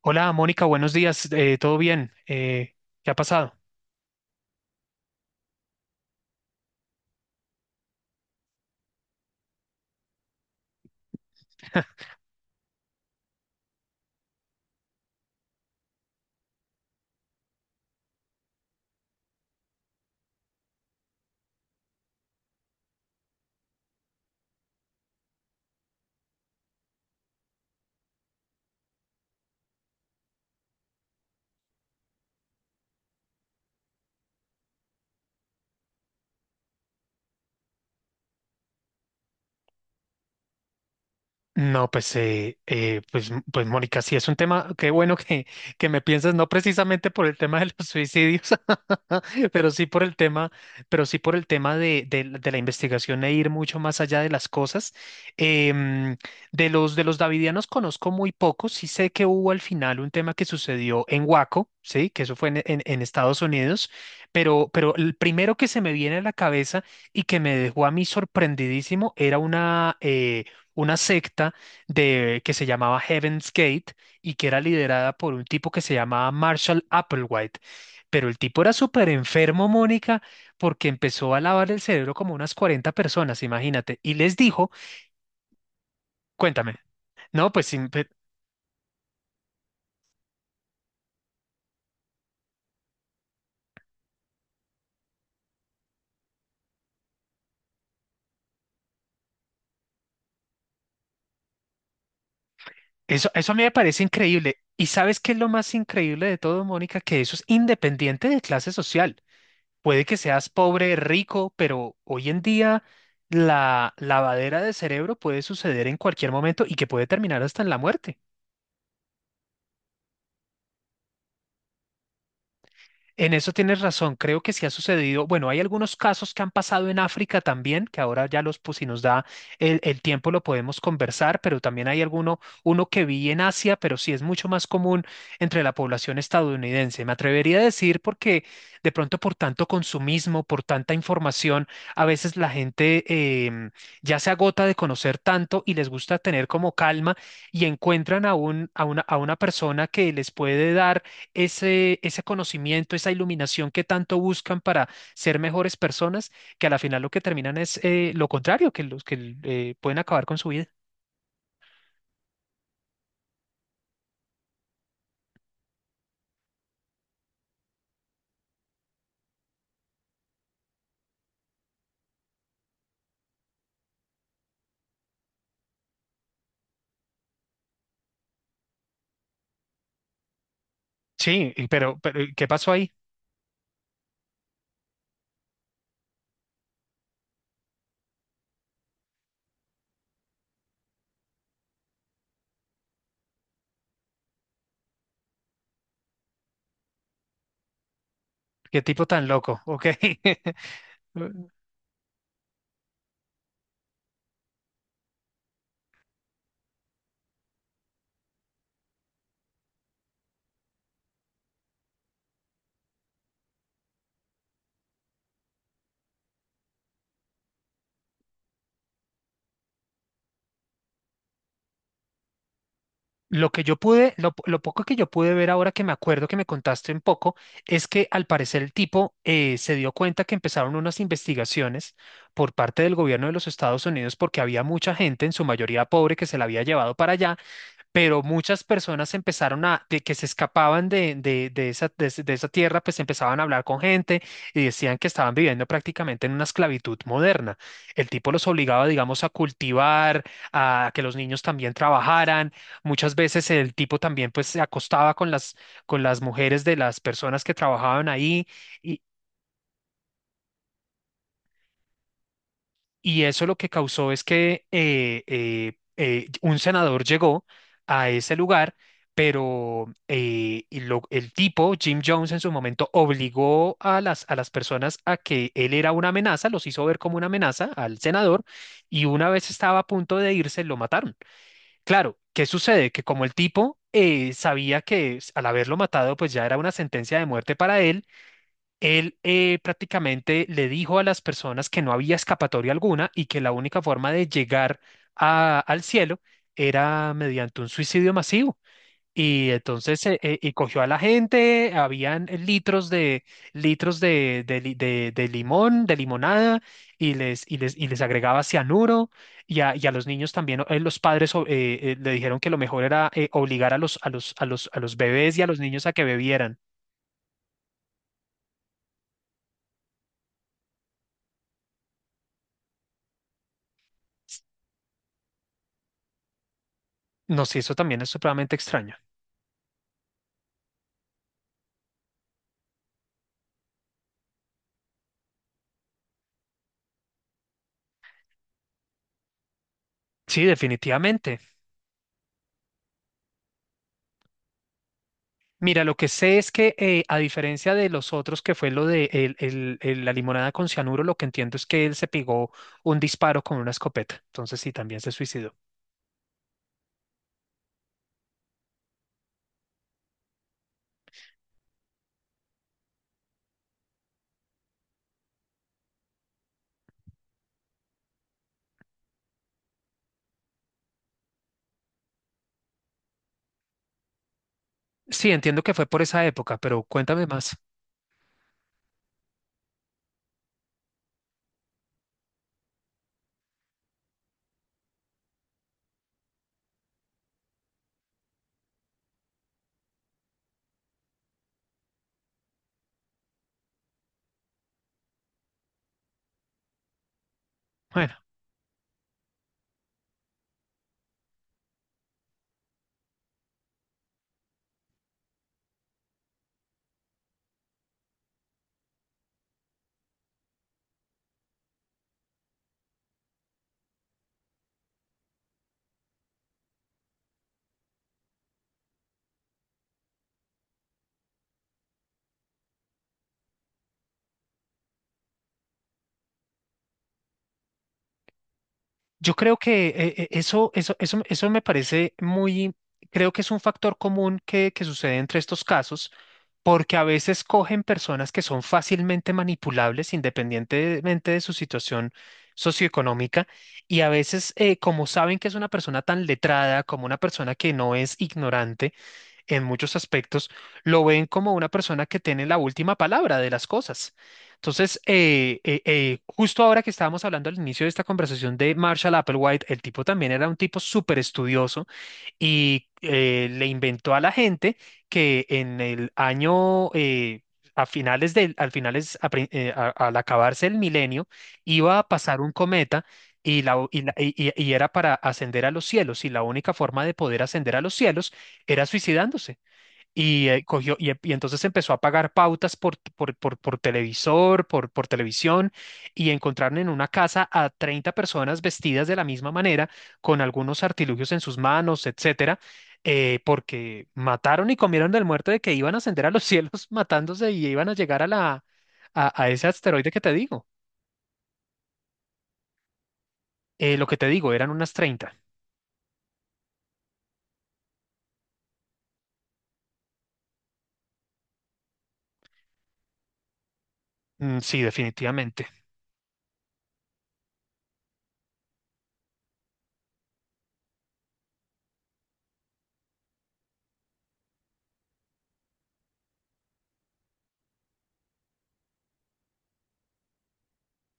Hola, Mónica, buenos días. ¿Todo bien? ¿Qué ha pasado? No, pues, pues, m- pues Mónica, sí es un tema, qué bueno que me piensas, no precisamente por el tema de los suicidios, pero sí por el pero sí por el tema de la investigación e ir mucho más allá de las cosas. Em, de los davidianos conozco muy poco, sí sé que hubo al final un tema que sucedió en Waco, sí, que eso fue en Estados Unidos. Pero el primero que se me viene a la cabeza y que me dejó a mí sorprendidísimo era una una secta que se llamaba Heaven's Gate y que era liderada por un tipo que se llamaba Marshall Applewhite. Pero el tipo era súper enfermo, Mónica, porque empezó a lavar el cerebro como unas 40 personas, imagínate, y les dijo, cuéntame, no, pues eso, eso a mí me parece increíble. ¿Y sabes qué es lo más increíble de todo, Mónica? Que eso es independiente de clase social. Puede que seas pobre, rico, pero hoy en día la lavadera de cerebro puede suceder en cualquier momento y que puede terminar hasta en la muerte. En eso tienes razón, creo que sí ha sucedido. Bueno, hay algunos casos que han pasado en África también, que ahora ya los, pues si nos da el tiempo lo podemos conversar, pero también hay alguno, uno que vi en Asia, pero sí es mucho más común entre la población estadounidense. Me atrevería a decir porque de pronto por tanto consumismo, por tanta información, a veces la gente em, ya se agota de conocer tanto y les gusta tener como calma y encuentran a una persona que les puede dar ese conocimiento, esa iluminación que tanto buscan para ser mejores personas, que a la final lo que terminan es lo contrario, que los que pueden acabar con su vida. Sí, y pero, pero ¿qué pasó ahí? ¿Qué tipo tan loco? Ok. Lo que yo lo poco que yo pude ver ahora que me acuerdo que me contaste un poco, es que al parecer el tipo se dio cuenta que empezaron unas investigaciones por parte del gobierno de los Estados Unidos porque había mucha gente, en su mayoría pobre, que se la había llevado para allá. Pero muchas personas empezaron a, de que se escapaban de esa tierra, pues empezaban a hablar con gente y decían que estaban viviendo prácticamente en una esclavitud moderna. El tipo los obligaba, digamos, a cultivar, a que los niños también trabajaran. Muchas veces el tipo también, pues, se acostaba con con las mujeres de las personas que trabajaban ahí. Y eso lo que causó es que un senador llegó a ese lugar, pero el tipo, Jim Jones, en su momento obligó a a las personas a que él era una amenaza, los hizo ver como una amenaza al senador, y una vez estaba a punto de irse, lo mataron. Claro, ¿qué sucede? Que como el tipo sabía que al haberlo matado, pues ya era una sentencia de muerte para él. Él prácticamente le dijo a las personas que no había escapatoria alguna y que la única forma de llegar al cielo era mediante un suicidio masivo. Y entonces y cogió a la gente, habían litros de limonada, y les agregaba cianuro, y a los niños también, los padres le dijeron que lo mejor era obligar a los bebés y a los niños a que bebieran. No, sé, eso también es supremamente extraño. Sí, definitivamente. Mira, lo que sé es que a diferencia de los otros, que fue lo de la limonada con cianuro, lo que entiendo es que él se pegó un disparo con una escopeta. Entonces sí, también se suicidó. Sí, entiendo que fue por esa época, pero cuéntame más. Bueno. Yo creo que eso me parece muy, creo que es un factor común que sucede entre estos casos, porque a veces cogen personas que son fácilmente manipulables independientemente de su situación socioeconómica y a veces como saben que es una persona tan letrada, como una persona que no es ignorante, en muchos aspectos, lo ven como una persona que tiene la última palabra de las cosas. Entonces, justo ahora que estábamos hablando al inicio de esta conversación de Marshall Applewhite, el tipo también era un tipo súper estudioso y le inventó a la gente que en el año... A finales del, al finales, a prin- a- al acabarse el milenio, iba a pasar un cometa y era para ascender a los cielos, y la única forma de poder ascender a los cielos era suicidándose. Y, y entonces empezó a pagar pautas por televisor, por televisión, y encontraron en una casa a 30 personas vestidas de la misma manera, con algunos artilugios en sus manos, etcétera, porque mataron y comieron del muerto de que iban a ascender a los cielos matándose y iban a llegar a ese asteroide que te digo. Lo que te digo, eran unas treinta. Mm, sí, definitivamente.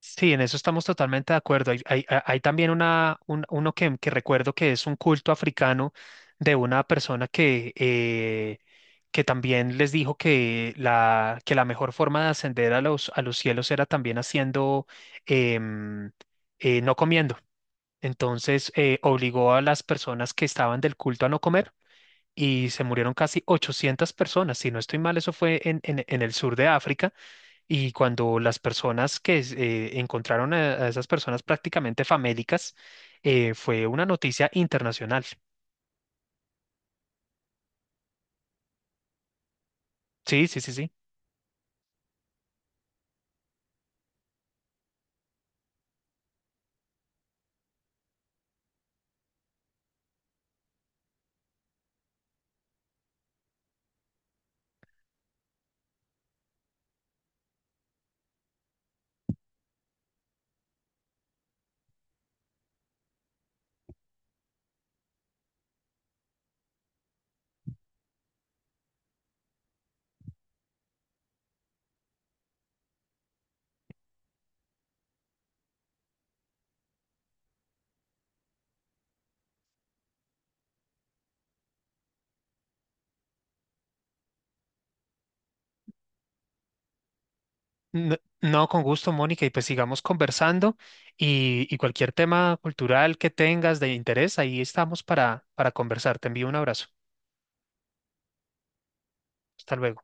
Sí, en eso estamos totalmente de acuerdo. Hay también uno que recuerdo que es un culto africano de una persona que también les dijo que que la mejor forma de ascender a los cielos era también em, no comiendo. Entonces, obligó a las personas que estaban del culto a no comer y se murieron casi 800 personas. Si no estoy mal, eso fue en el sur de África y cuando las personas que encontraron a esas personas prácticamente famélicas, fue una noticia internacional. Sí, sí, sí, sí. No, no, con gusto, Mónica, y pues sigamos conversando y cualquier tema cultural que tengas de interés, ahí estamos para conversar. Te envío un abrazo. Hasta luego.